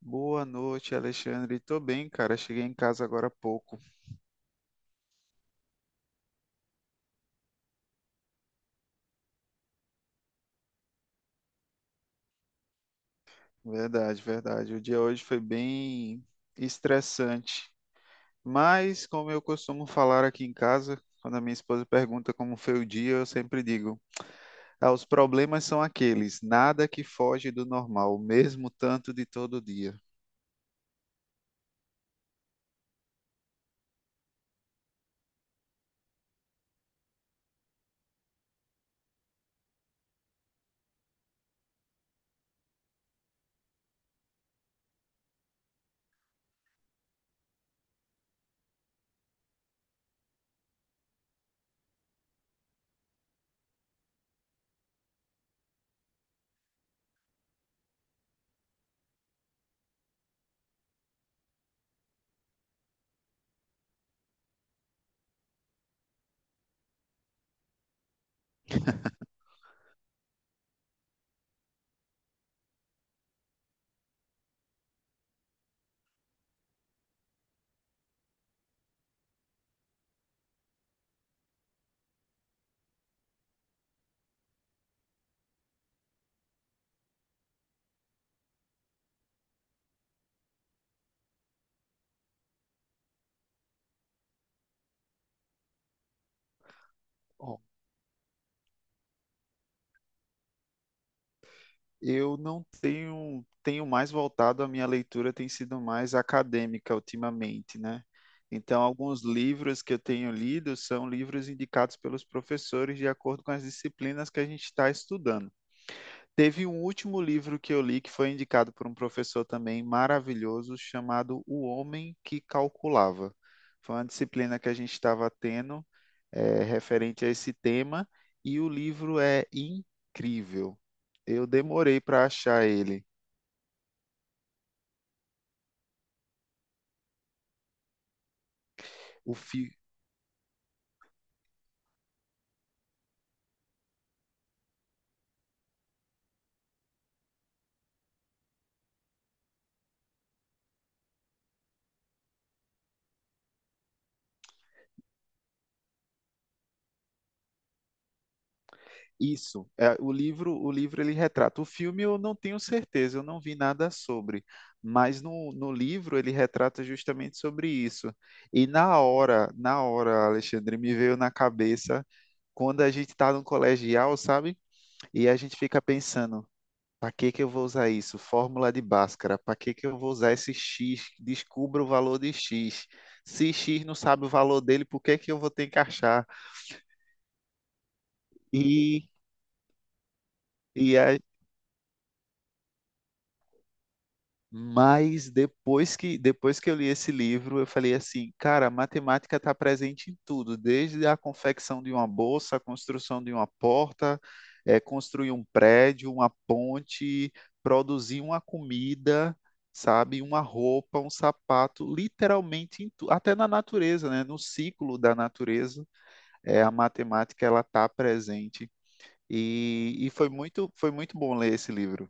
Boa noite, Alexandre. Tô bem, cara. Cheguei em casa agora há pouco. Verdade, verdade. O dia hoje foi bem estressante. Mas, como eu costumo falar aqui em casa, quando a minha esposa pergunta como foi o dia, eu sempre digo: ah, os problemas são aqueles, nada que foge do normal, mesmo tanto de todo dia. Eu não tenho, tenho mais voltado, a minha leitura tem sido mais acadêmica ultimamente, né? Então, alguns livros que eu tenho lido são livros indicados pelos professores de acordo com as disciplinas que a gente está estudando. Teve um último livro que eu li que foi indicado por um professor também maravilhoso, chamado O Homem que Calculava. Foi uma disciplina que a gente estava tendo, referente a esse tema, e o livro é incrível. Eu demorei para achar ele. O, fi- Isso, é, o livro ele retrata. O filme eu não tenho certeza, eu não vi nada sobre, mas no livro ele retrata justamente sobre isso. E na hora, Alexandre, me veio na cabeça quando a gente está no colegial, sabe? E a gente fica pensando, para que que eu vou usar isso? Fórmula de Bhaskara, para que que eu vou usar esse X? Descubra o valor de X. Se X não sabe o valor dele, por que que eu vou ter que achar? E e a Mas depois que eu li esse livro, eu falei assim, cara, a matemática está presente em tudo, desde a confecção de uma bolsa, a construção de uma porta, construir um prédio, uma ponte, produzir uma comida, sabe, uma roupa, um sapato, literalmente em tu, até na natureza, né? No ciclo da natureza, a matemática ela está presente. E foi muito bom ler esse livro.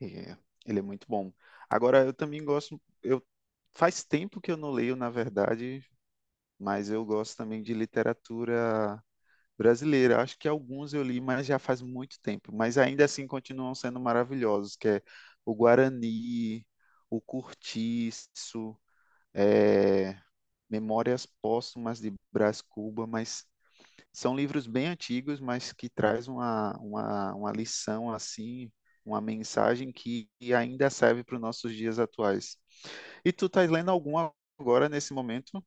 É, ele é muito bom. Agora, eu também gosto. Eu faz tempo que eu não leio, na verdade, mas eu gosto também de literatura brasileira. Acho que alguns eu li, mas já faz muito tempo. Mas ainda assim continuam sendo maravilhosos, que é o Guarani, o Cortiço, é, Memórias Póstumas de Brás Cuba, mas são livros bem antigos, mas que traz uma lição assim, uma mensagem que, ainda serve para os nossos dias atuais. E tu tá lendo algum agora nesse momento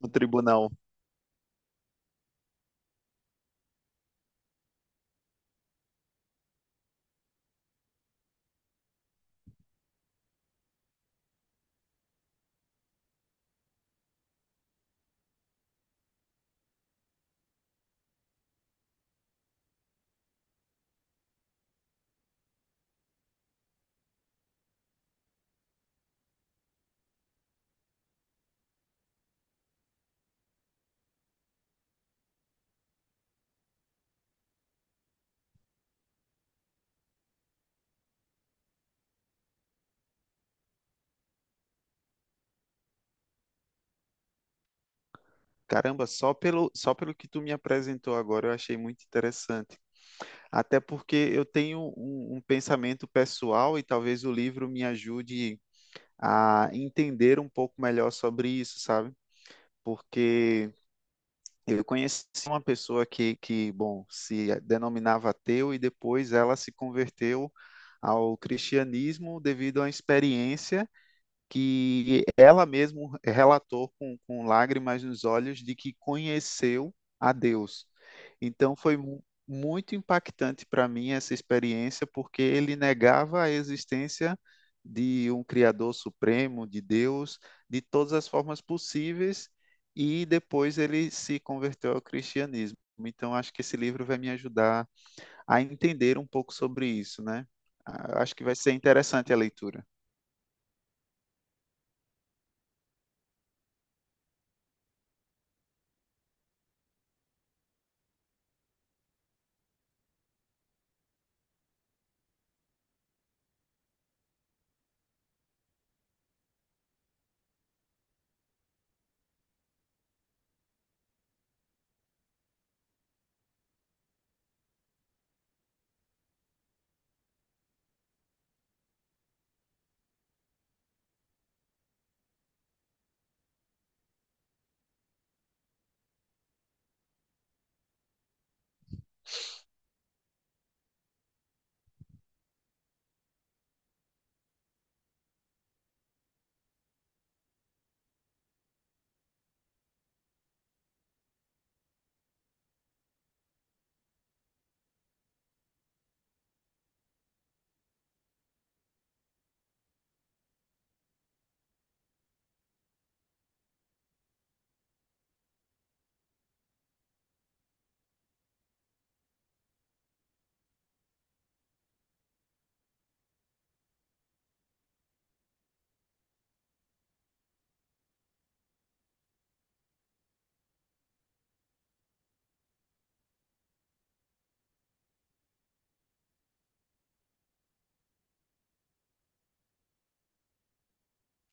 no tribunal? Caramba, só pelo que tu me apresentou agora eu achei muito interessante. Até porque eu tenho um pensamento pessoal e talvez o livro me ajude a entender um pouco melhor sobre isso, sabe? Porque eu conheci uma pessoa que, bom, se denominava ateu e depois ela se converteu ao cristianismo devido à experiência que ela mesma relatou com lágrimas nos olhos de que conheceu a Deus. Então foi muito impactante para mim essa experiência, porque ele negava a existência de um Criador Supremo, de Deus, de todas as formas possíveis, e depois ele se converteu ao cristianismo. Então acho que esse livro vai me ajudar a entender um pouco sobre isso, né? Ah, acho que vai ser interessante a leitura.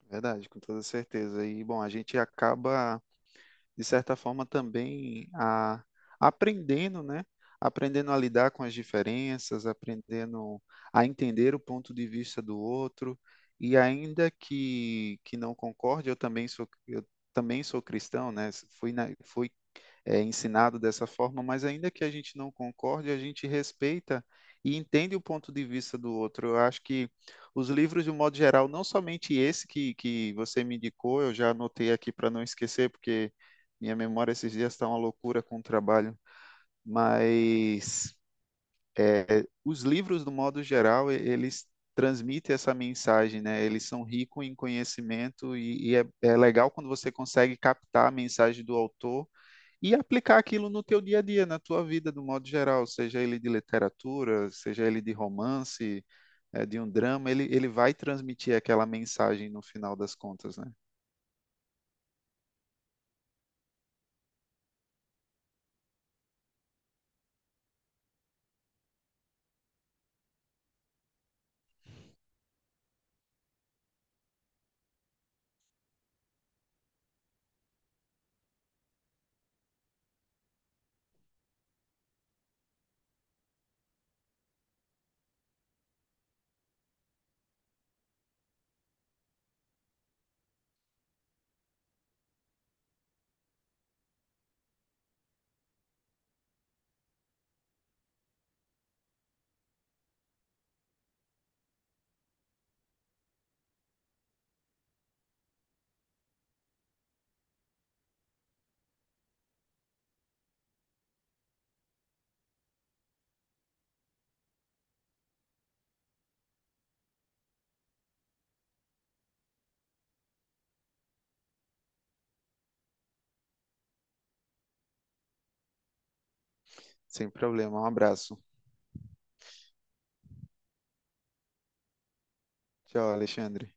Verdade, com toda certeza. E, bom, a gente acaba, de certa forma, também a, aprendendo, né? Aprendendo a lidar com as diferenças, aprendendo a entender o ponto de vista do outro. E ainda que não concorde, eu também sou cristão, né? Fui ensinado dessa forma, mas ainda que a gente não concorde, a gente respeita e entende o ponto de vista do outro. Eu acho que os livros, de um modo geral, não somente esse que você me indicou, eu já anotei aqui para não esquecer, porque minha memória esses dias está uma loucura com o trabalho, mas é, os livros, do modo geral, eles transmitem essa mensagem, né? Eles são ricos em conhecimento e é, é legal quando você consegue captar a mensagem do autor e aplicar aquilo no teu dia a dia, na tua vida, do modo geral, seja ele de literatura, seja ele de romance, de um drama, ele vai transmitir aquela mensagem no final das contas, né? Sem problema. Um abraço. Tchau, Alexandre.